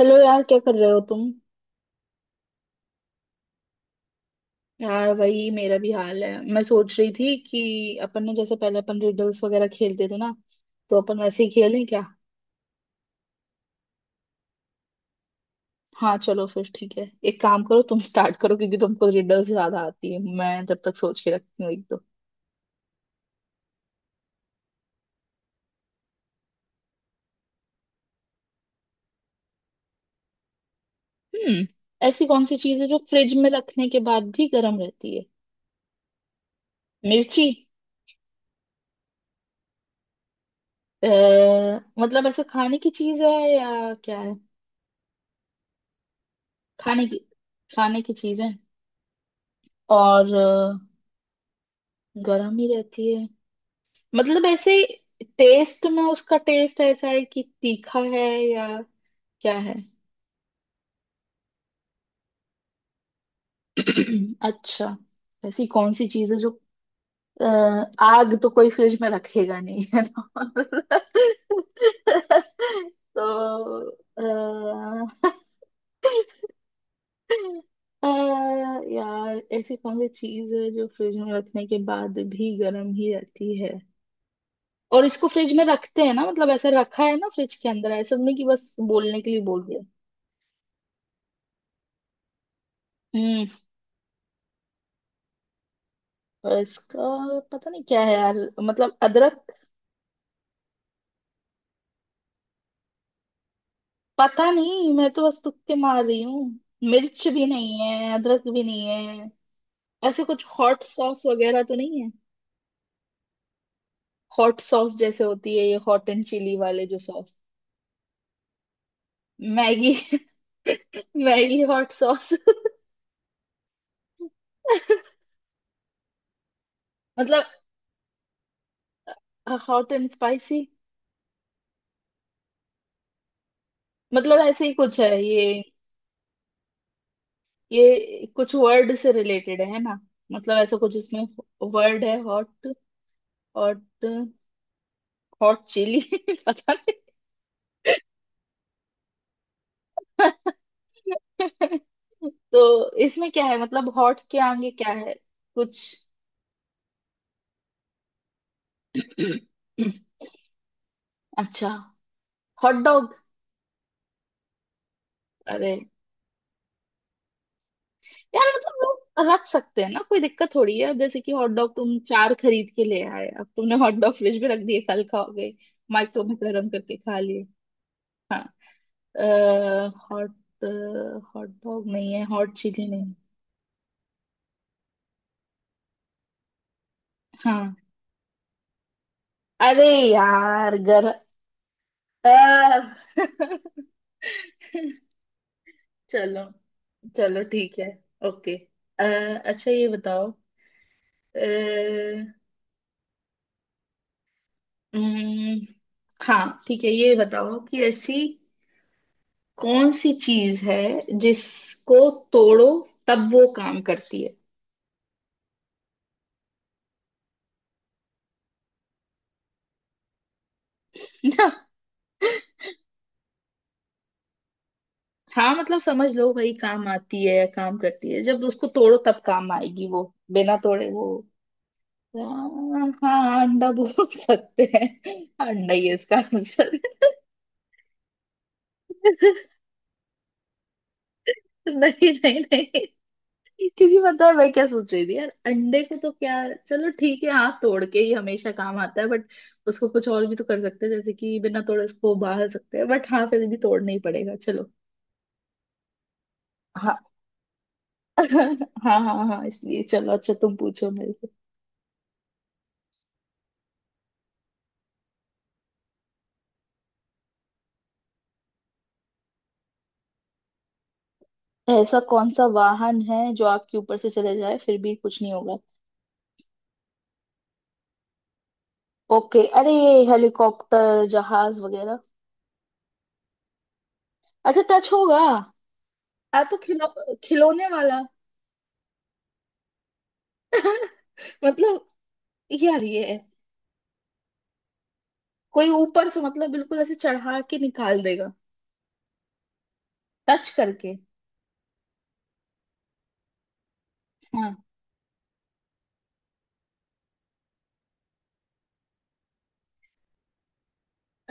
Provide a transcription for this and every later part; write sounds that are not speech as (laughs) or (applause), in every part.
Hello यार, क्या कर रहे हो तुम? यार, वही मेरा भी हाल है। मैं सोच रही थी कि अपन ने जैसे पहले अपन रिडल्स वगैरह खेलते थे ना, तो अपन वैसे ही खेलें क्या? हाँ, चलो फिर ठीक है। एक काम करो, तुम स्टार्ट करो, क्योंकि तुमको रिडल्स ज्यादा आती है। मैं जब तक सोच के रखती हूँ एक दो। हम्म। ऐसी कौन सी चीज है जो फ्रिज में रखने के बाद भी गर्म रहती है? मिर्ची। आ, मतलब ऐसे खाने की चीज है, या क्या है? खाने की खाने की चीज है। और गर्म ही रहती है, मतलब ऐसे। टेस्ट में उसका टेस्ट ऐसा है कि तीखा है, या क्या है? (clears throat) अच्छा, ऐसी कौन सी चीज है जो अ, आग तो कोई फ्रिज में रखेगा नहीं, है ना? (laughs) तो अ, (laughs) अ, यार, ऐसी कौन सी चीज है जो फ्रिज में रखने के बाद भी गर्म ही रहती है? और इसको फ्रिज में रखते हैं ना, मतलब ऐसा रखा है ना फ्रिज के अंदर, ऐसा नहीं कि बस बोलने के लिए बोल दिया। और इसका पता नहीं क्या है यार। मतलब अदरक? पता नहीं, मैं तो बस तुक्के मार रही हूँ। मिर्च भी नहीं है, अदरक भी नहीं है। ऐसे कुछ हॉट सॉस वगैरह तो नहीं है? हॉट सॉस जैसे होती है ये, हॉट एंड चिली वाले जो sauce. Maggi? (laughs) Maggi hot sauce? (laughs) मतलब हॉट एंड स्पाइसी? मतलब ऐसे ही कुछ है ये कुछ वर्ड से रिलेटेड है ना? मतलब ऐसा कुछ इसमें। वर्ड है हॉट। हॉट। Hot chilli. (laughs) पता नहीं। (laughs) (laughs) तो इसमें क्या है, मतलब हॉट के आगे क्या है? कुछ। (clears throat) अच्छा, हॉट डॉग? अरे यार, मतलब लोग रख सकते हैं ना, कोई दिक्कत थोड़ी है। अब जैसे कि हॉट डॉग तुम चार खरीद के ले आए, अब तुमने हॉट डॉग फ्रिज में रख दिए, कल खाओगे, माइक्रो में गर्म करके खा लिए। हाँ, हॉट हॉट डॉग नहीं है, हॉट चिली नहीं? हाँ, अरे यार, गर अह, (laughs) चलो, चलो ठीक है, ओके। अ, अच्छा, ये बताओ। अ, उम्म, हाँ ठीक है, ये बताओ कि ऐसी कौन सी चीज है जिसको तोड़ो, तब वो काम करती है? (laughs) ना? हाँ मतलब समझ लो भाई, काम आती है या काम करती है, जब उसको तोड़ो तब काम आएगी वो, बिना तोड़े वो। हाँ हाँ, अंडा बोल (laughs) सकते हैं। अंडा ही है इसका आंसर। (laughs) नहीं नहीं नहीं, क्योंकि पता है मैं क्या सोच रही थी यार, अंडे को तो क्या, चलो ठीक है। हाँ, तोड़ के ही हमेशा काम आता है, बट उसको कुछ और भी तो कर सकते हैं, जैसे कि बिना तोड़े उसको उबाल सकते हैं, बट हाँ, फिर भी तोड़ना ही पड़ेगा, चलो। हाँ (laughs) हाँ हाँ हाँ, इसलिए चलो, अच्छा, तुम पूछो मेरे से। ऐसा कौन सा वाहन है जो आपके ऊपर से चले जाए फिर भी कुछ नहीं होगा? ओके, अरे ये हेलीकॉप्टर, जहाज वगैरह? अच्छा, टच होगा। आ तो खिलो खिलौने वाला? (laughs) मतलब यार ये, कोई ऊपर से मतलब बिल्कुल ऐसे चढ़ा के निकाल देगा, टच करके? हाँ,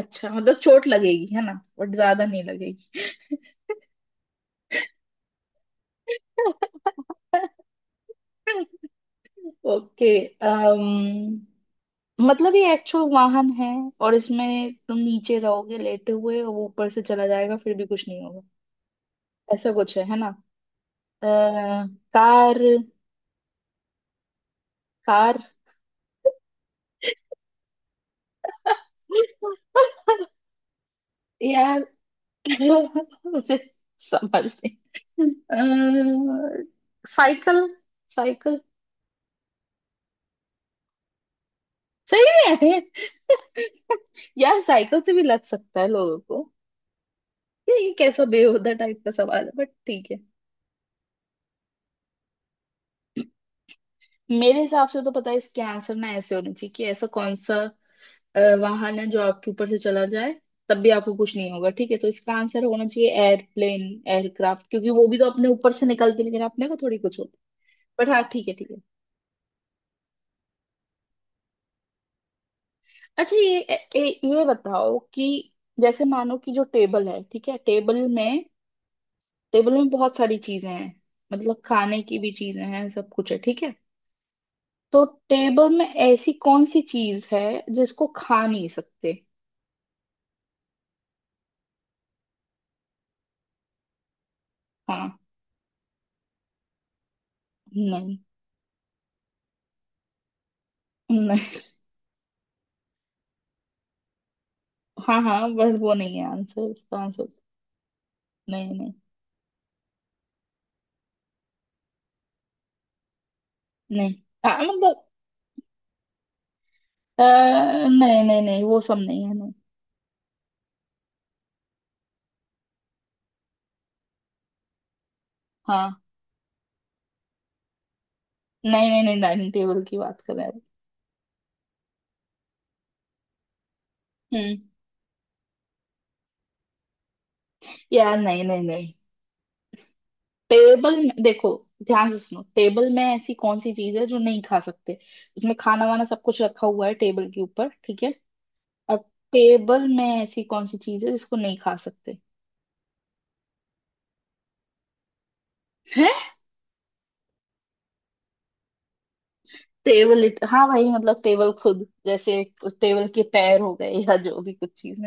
अच्छा मतलब चोट लगेगी है ना, बट ज्यादा नहीं लगेगी? (laughs) ओके। अम्म मतलब ये एक्चुअल वाहन है, और इसमें तुम नीचे रहोगे लेटे हुए और वो ऊपर से चला जाएगा फिर भी कुछ नहीं होगा, ऐसा कुछ है ना? अ, कार? कार? (laughs) यार, (laughs) मुझे समझ नहीं। साइकिल? साइकिल? सही में? (laughs) यार, साइकिल से भी लग सकता है लोगों को। ये कैसा बेहुदा टाइप का सवाल है, बट ठीक है। मेरे हिसाब से तो पता है इसके आंसर ना ऐसे होने चाहिए कि ऐसा कौन सा वाहन है जो आपके ऊपर से चला जाए, तब भी आपको कुछ नहीं होगा। ठीक है, तो इसका आंसर होना चाहिए एयरप्लेन, एयरक्राफ्ट, क्योंकि वो भी तो अपने ऊपर से निकलती है लेकिन अपने को थोड़ी कुछ होता। बट हाँ, ठीक है, ठीक है। अच्छा, ये ए, ए, ये बताओ कि जैसे मानो कि जो टेबल है, ठीक है, टेबल में बहुत सारी चीजें हैं, मतलब खाने की भी चीजें हैं, सब कुछ है, ठीक है, तो टेबल में ऐसी कौन सी चीज है जिसको खा नहीं सकते? हाँ। नहीं नहीं। हाँ हाँ, बट वो नहीं है आंसर, इसका आंसर। नहीं नहीं नहीं। हाँ मतलब नहीं नहीं नहीं, वो सब नहीं है नहीं। हाँ। नहीं नहीं नहीं, डाइनिंग टेबल की बात कर रहे हैं। हम्म। यार नहीं नहीं नहीं, टेबल में देखो, ध्यान से सुनो, टेबल में ऐसी कौन सी चीज है जो नहीं खा सकते? उसमें खाना वाना सब कुछ रखा हुआ है टेबल के ऊपर, ठीक है, और टेबल में ऐसी कौन सी चीज है जिसको नहीं खा सकते? है। टेबल, हाँ भाई, मतलब टेबल खुद, जैसे उस टेबल के पैर हो गए या जो भी कुछ चीज।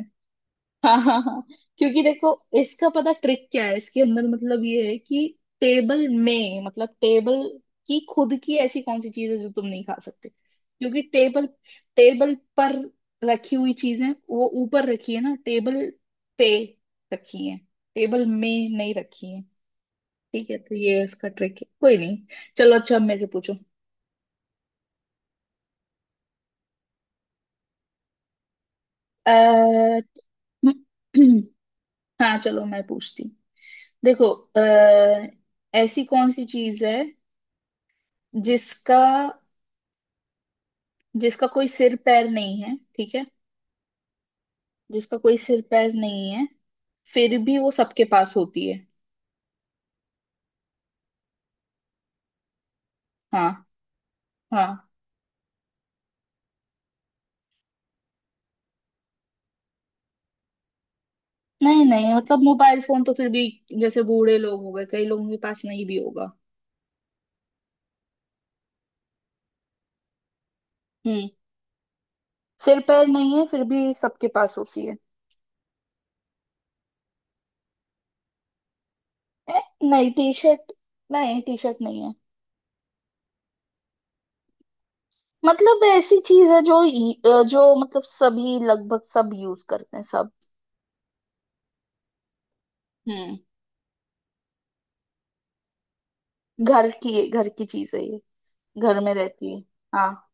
हाँ हाँ हाँ, क्योंकि देखो, इसका पता ट्रिक क्या है इसके अंदर, मतलब ये है कि टेबल में, मतलब टेबल की खुद की ऐसी कौन सी चीज है जो तुम नहीं खा सकते, क्योंकि टेबल, टेबल पर रखी हुई चीजें, वो ऊपर रखी है ना, टेबल पे रखी है, टेबल में नहीं रखी है। ठीक है, तो ये इसका ट्रिक है, कोई नहीं। चलो, अच्छा, अब मेरे से पूछो। अः (clears throat) हाँ, चलो मैं पूछती हूँ। देखो, अः ऐसी कौन सी चीज है जिसका जिसका कोई सिर पैर नहीं है, ठीक है? जिसका कोई सिर पैर नहीं है, फिर भी वो सबके पास होती है। हाँ। हाँ नहीं नहीं, मतलब मोबाइल फोन तो फिर भी, जैसे बूढ़े लोग हो गए, कई लोगों के पास नहीं भी होगा। हम्म। सिर पैर नहीं है, फिर भी सबके पास होती है। ए, नहीं, टी शर्ट नहीं, टी शर्ट नहीं है। मतलब ऐसी चीज है जो जो मतलब सभी, लगभग सब यूज करते हैं, सब। हम्म। घर की, घर की चीज है ये, घर में रहती है। हाँ।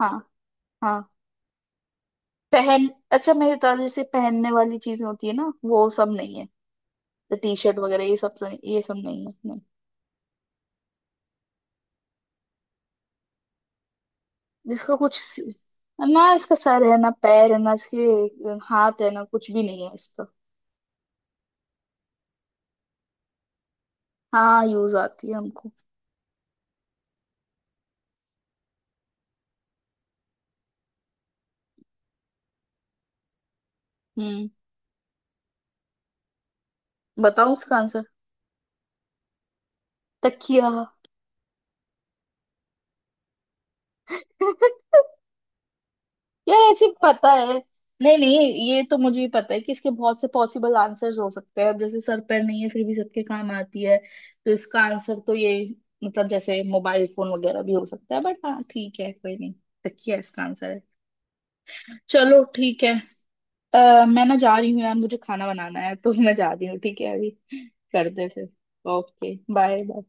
हाँ हाँ। पहन अच्छा, मेरे दादा जैसे पहनने वाली चीजें होती है ना, वो सब नहीं है। तो टी शर्ट वगैरह, ये सब सब- ये सब नहीं है, नहीं। जिसका कुछ ना इसका सर है, ना पैर है, ना इसके हाथ है, ना कुछ भी नहीं है इसका। हाँ, यूज आती है हमको। हम्म। बताओ उसका आंसर। तकिया। (laughs) यार, ऐसे पता है, नहीं नहीं, ये तो मुझे भी पता है कि इसके बहुत से पॉसिबल आंसर्स हो सकते हैं, अब जैसे सर पैर नहीं है फिर भी सबके काम आती है, तो इसका आंसर तो ये, मतलब जैसे मोबाइल फोन वगैरह भी हो सकता है, बट हाँ ठीक है, कोई नहीं, तकिया इसका आंसर है। चलो ठीक है। मैं ना जा रही हूँ यार, मुझे खाना बनाना है, तो (laughs) मैं जा रही हूँ, ठीक है, अभी करते हैं फिर। Okay, bye.